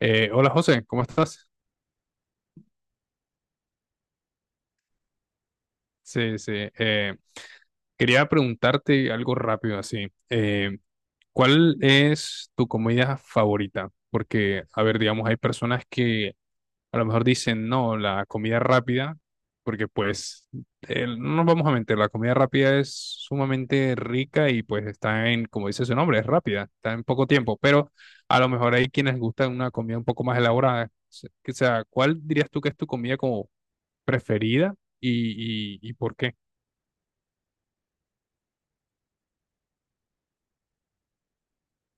Hola José, ¿cómo estás? Sí, sí. eh, Quería preguntarte algo rápido así. ¿Cuál es tu comida favorita? Porque, a ver, digamos, hay personas que a lo mejor dicen, no, la comida rápida, porque pues, no nos vamos a mentir, la comida rápida es sumamente rica y pues está en, como dice su nombre, es rápida, está en poco tiempo, pero a lo mejor hay quienes gustan una comida un poco más elaborada. O sea, ¿cuál dirías tú que es tu comida como preferida y por qué?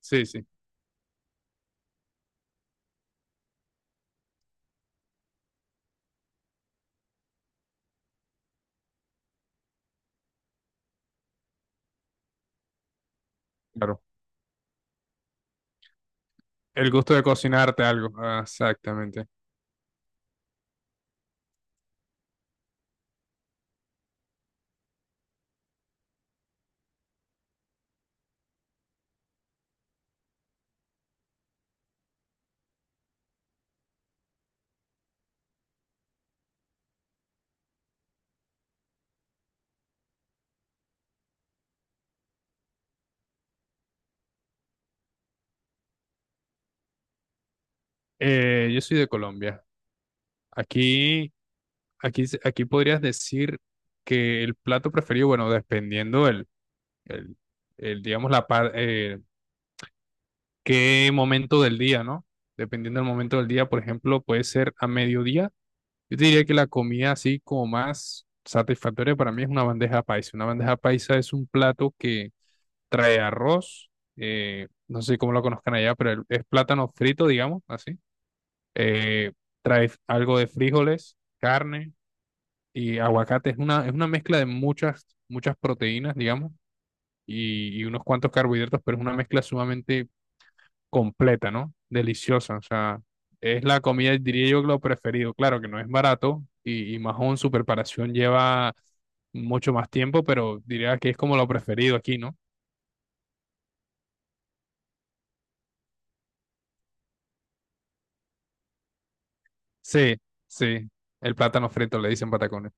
Sí, sí, claro. El gusto de cocinarte algo. Ah, exactamente. Yo soy de Colombia. Aquí, aquí podrías decir que el plato preferido, bueno, dependiendo el, digamos, qué momento del día, ¿no? Dependiendo del momento del día, por ejemplo, puede ser a mediodía. Yo te diría que la comida así como más satisfactoria para mí es una bandeja paisa. Una bandeja paisa es un plato que trae arroz, no sé cómo lo conozcan allá, pero es plátano frito, digamos, así. Eh, Trae algo de frijoles, carne y aguacate. Es una mezcla de muchas proteínas, digamos, y unos cuantos carbohidratos, pero es una mezcla sumamente completa, ¿no? Deliciosa, o sea, es la comida, diría yo, lo preferido. Claro que no es barato y más aún su preparación lleva mucho más tiempo, pero diría que es como lo preferido aquí, ¿no? Sí, sí. El plátano frito le dicen patacones.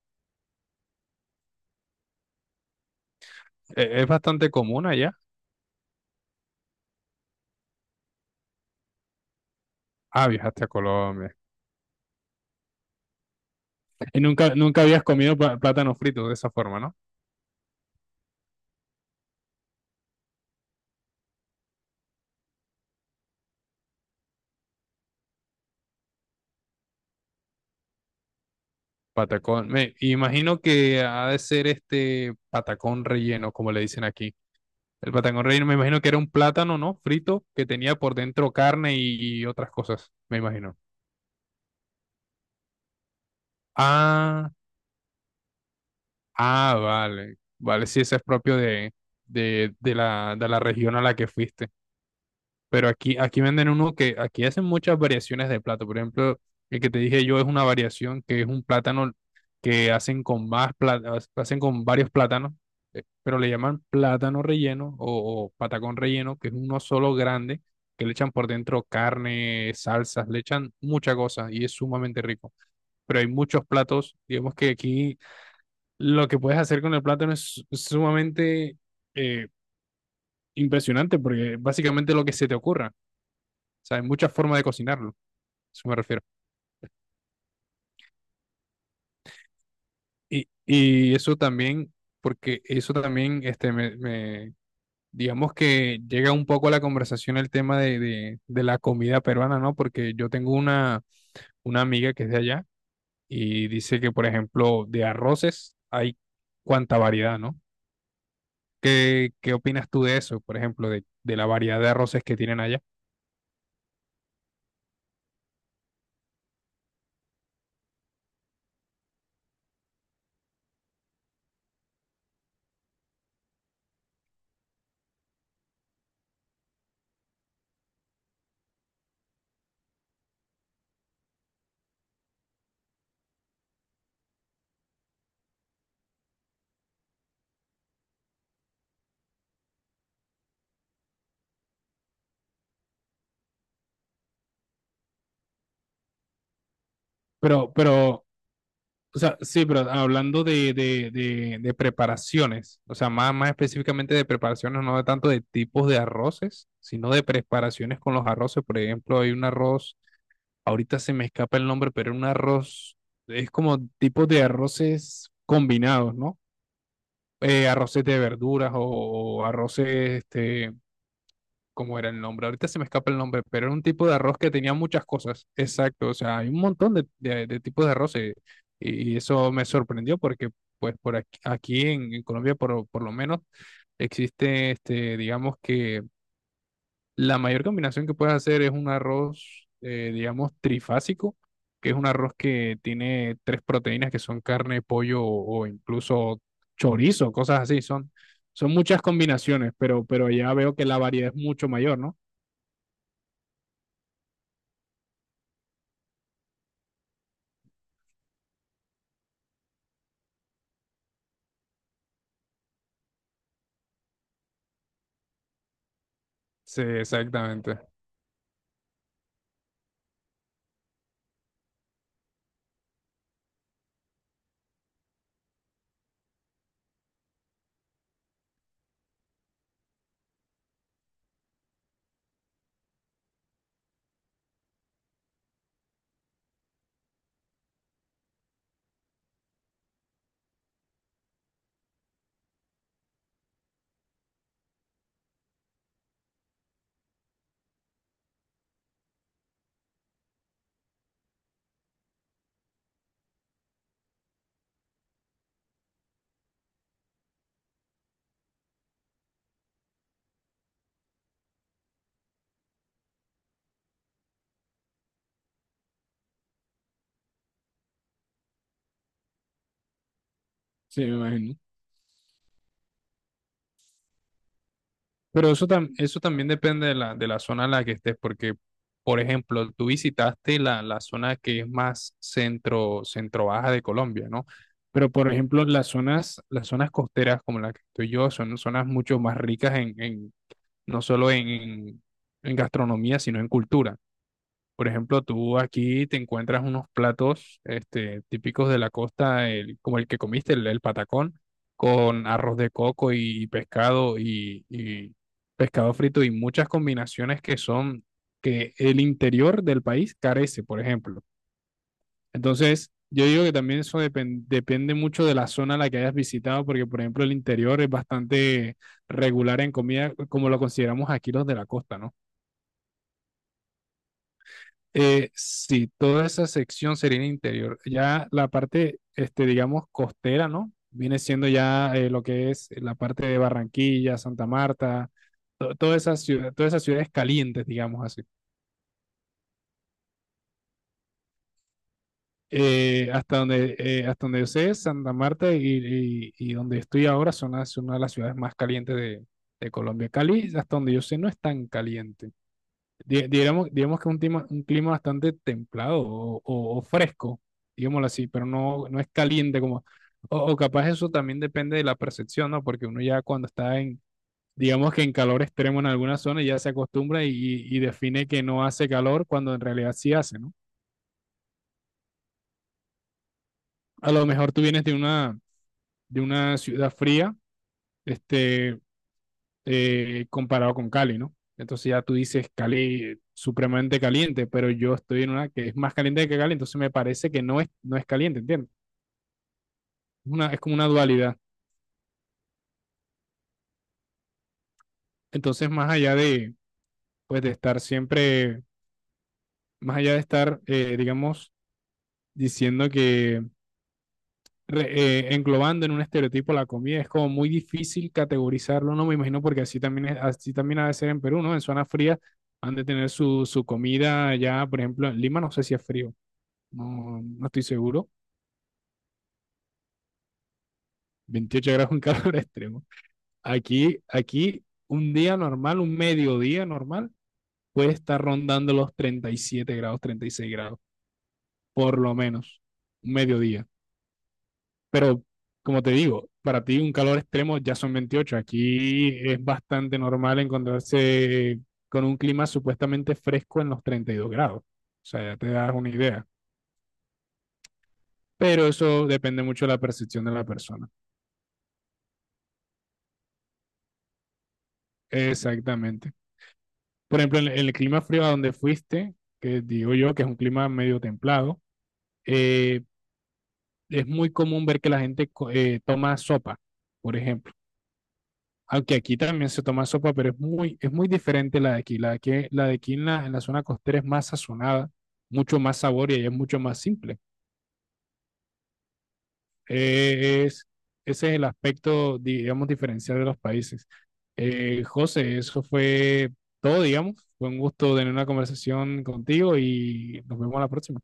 Es bastante común allá. Ah, viajaste a Colombia. Y nunca habías comido plátano frito de esa forma, ¿no? Patacón. Me imagino que ha de ser este patacón relleno, como le dicen aquí. El patacón relleno, me imagino que era un plátano, ¿no? Frito que tenía por dentro carne y otras cosas, me imagino. Ah, vale. Vale, sí, ese es propio de la región a la que fuiste. Pero aquí, aquí venden uno que aquí hacen muchas variaciones de plato. Por ejemplo, el que te dije yo es una variación que es un plátano que hacen con hacen con varios plátanos, pero le llaman plátano relleno o patacón relleno, que es uno solo grande, que le echan por dentro carne, salsas, le echan mucha cosa y es sumamente rico. Pero hay muchos platos, digamos que aquí lo que puedes hacer con el plátano es sumamente eh, impresionante porque básicamente lo que se te ocurra. O sea, hay muchas formas de cocinarlo, a eso me refiero. Y eso también, porque eso también, digamos que llega un poco a la conversación el tema de la comida peruana, ¿no? Porque yo tengo una amiga que es de allá y dice que, por ejemplo, de arroces hay cuánta variedad, ¿no? ¿Qué, qué opinas tú de eso, por ejemplo, de la variedad de arroces que tienen allá? Pero, pero O sea, sí, pero hablando de preparaciones, o sea, más específicamente de preparaciones, no de tanto de tipos de arroces, sino de preparaciones con los arroces. Por ejemplo, hay un arroz, ahorita se me escapa el nombre, pero un arroz, es como tipos de arroces combinados, ¿no? Arroces de verduras o arroces este, ¿cómo era el nombre? Ahorita se me escapa el nombre, pero era un tipo de arroz que tenía muchas cosas. Exacto, o sea, hay un montón de, de tipos de arroz y eso me sorprendió porque, pues, por aquí, aquí en Colombia, por lo menos, existe, este, digamos que la mayor combinación que puedes hacer es un arroz, digamos, trifásico, que es un arroz que tiene tres proteínas que son carne, pollo o incluso chorizo, cosas así. Son, son muchas combinaciones, pero ya veo que la variedad es mucho mayor, ¿no? Sí, exactamente. Sí, me imagino. Pero eso, eso también depende de la zona en la que estés, porque, por ejemplo, tú visitaste la, la zona que es más centro, centro baja de Colombia, ¿no? Pero, por ejemplo, las zonas costeras como la que estoy yo son zonas mucho más ricas no solo en gastronomía, sino en cultura. Por ejemplo, tú aquí te encuentras unos platos este, típicos de la costa, como el que comiste, el patacón, con arroz de coco y pescado frito y muchas combinaciones que son que el interior del país carece, por ejemplo. Entonces, yo digo que también eso depende mucho de la zona a la que hayas visitado, porque, por ejemplo, el interior es bastante regular en comida, como lo consideramos aquí los de la costa, ¿no? Sí, toda esa sección sería en interior. Ya la parte, este, digamos, costera, ¿no? Viene siendo ya lo que es la parte de Barranquilla, Santa Marta, todas esas ciudades calientes, digamos así. Hasta donde yo sé, Santa Marta y donde estoy ahora son una de las ciudades más calientes de Colombia. Cali, hasta donde yo sé, no es tan caliente. Digamos que es un clima bastante templado o fresco, digámoslo así, pero no, no es caliente como... O capaz eso también depende de la percepción, ¿no? Porque uno ya cuando está en, digamos que en calor extremo en alguna zona, ya se acostumbra y define que no hace calor cuando en realidad sí hace, ¿no? A lo mejor tú vienes de una ciudad fría, este, comparado con Cali, ¿no? Entonces ya tú dices Cali supremamente caliente, pero yo estoy en una que es más caliente que Cali, entonces me parece que no es, no es caliente, ¿entiendes? Una, es como una dualidad. Entonces, pues, de estar siempre, más allá de estar, digamos, diciendo que, englobando en un estereotipo la comida, es como muy difícil categorizarlo, no me imagino, porque así también, así también ha de ser en Perú, ¿no? En zona fría han de tener su, su comida ya, por ejemplo, en Lima no sé si es frío, no, no estoy seguro. 28 grados en calor extremo. Aquí, aquí, un día normal, un mediodía normal, puede estar rondando los 37 grados, 36 grados, por lo menos, un mediodía. Pero, como te digo, para ti un calor extremo ya son 28. Aquí es bastante normal encontrarse con un clima supuestamente fresco en los 32 grados. O sea, ya te das una idea. Pero eso depende mucho de la percepción de la persona. Exactamente. Por ejemplo, en el clima frío a donde fuiste, que digo yo que es un clima medio templado, eh, es muy común ver que la gente toma sopa, por ejemplo. Aunque aquí también se toma sopa, pero es muy diferente la de aquí. La de aquí, la de aquí en la zona costera es más sazonada, mucho más sabor y ahí es mucho más simple. Eh, es, Ese es el aspecto, digamos, diferencial de los países. José, eso fue todo, digamos. Fue un gusto tener una conversación contigo y nos vemos a la próxima.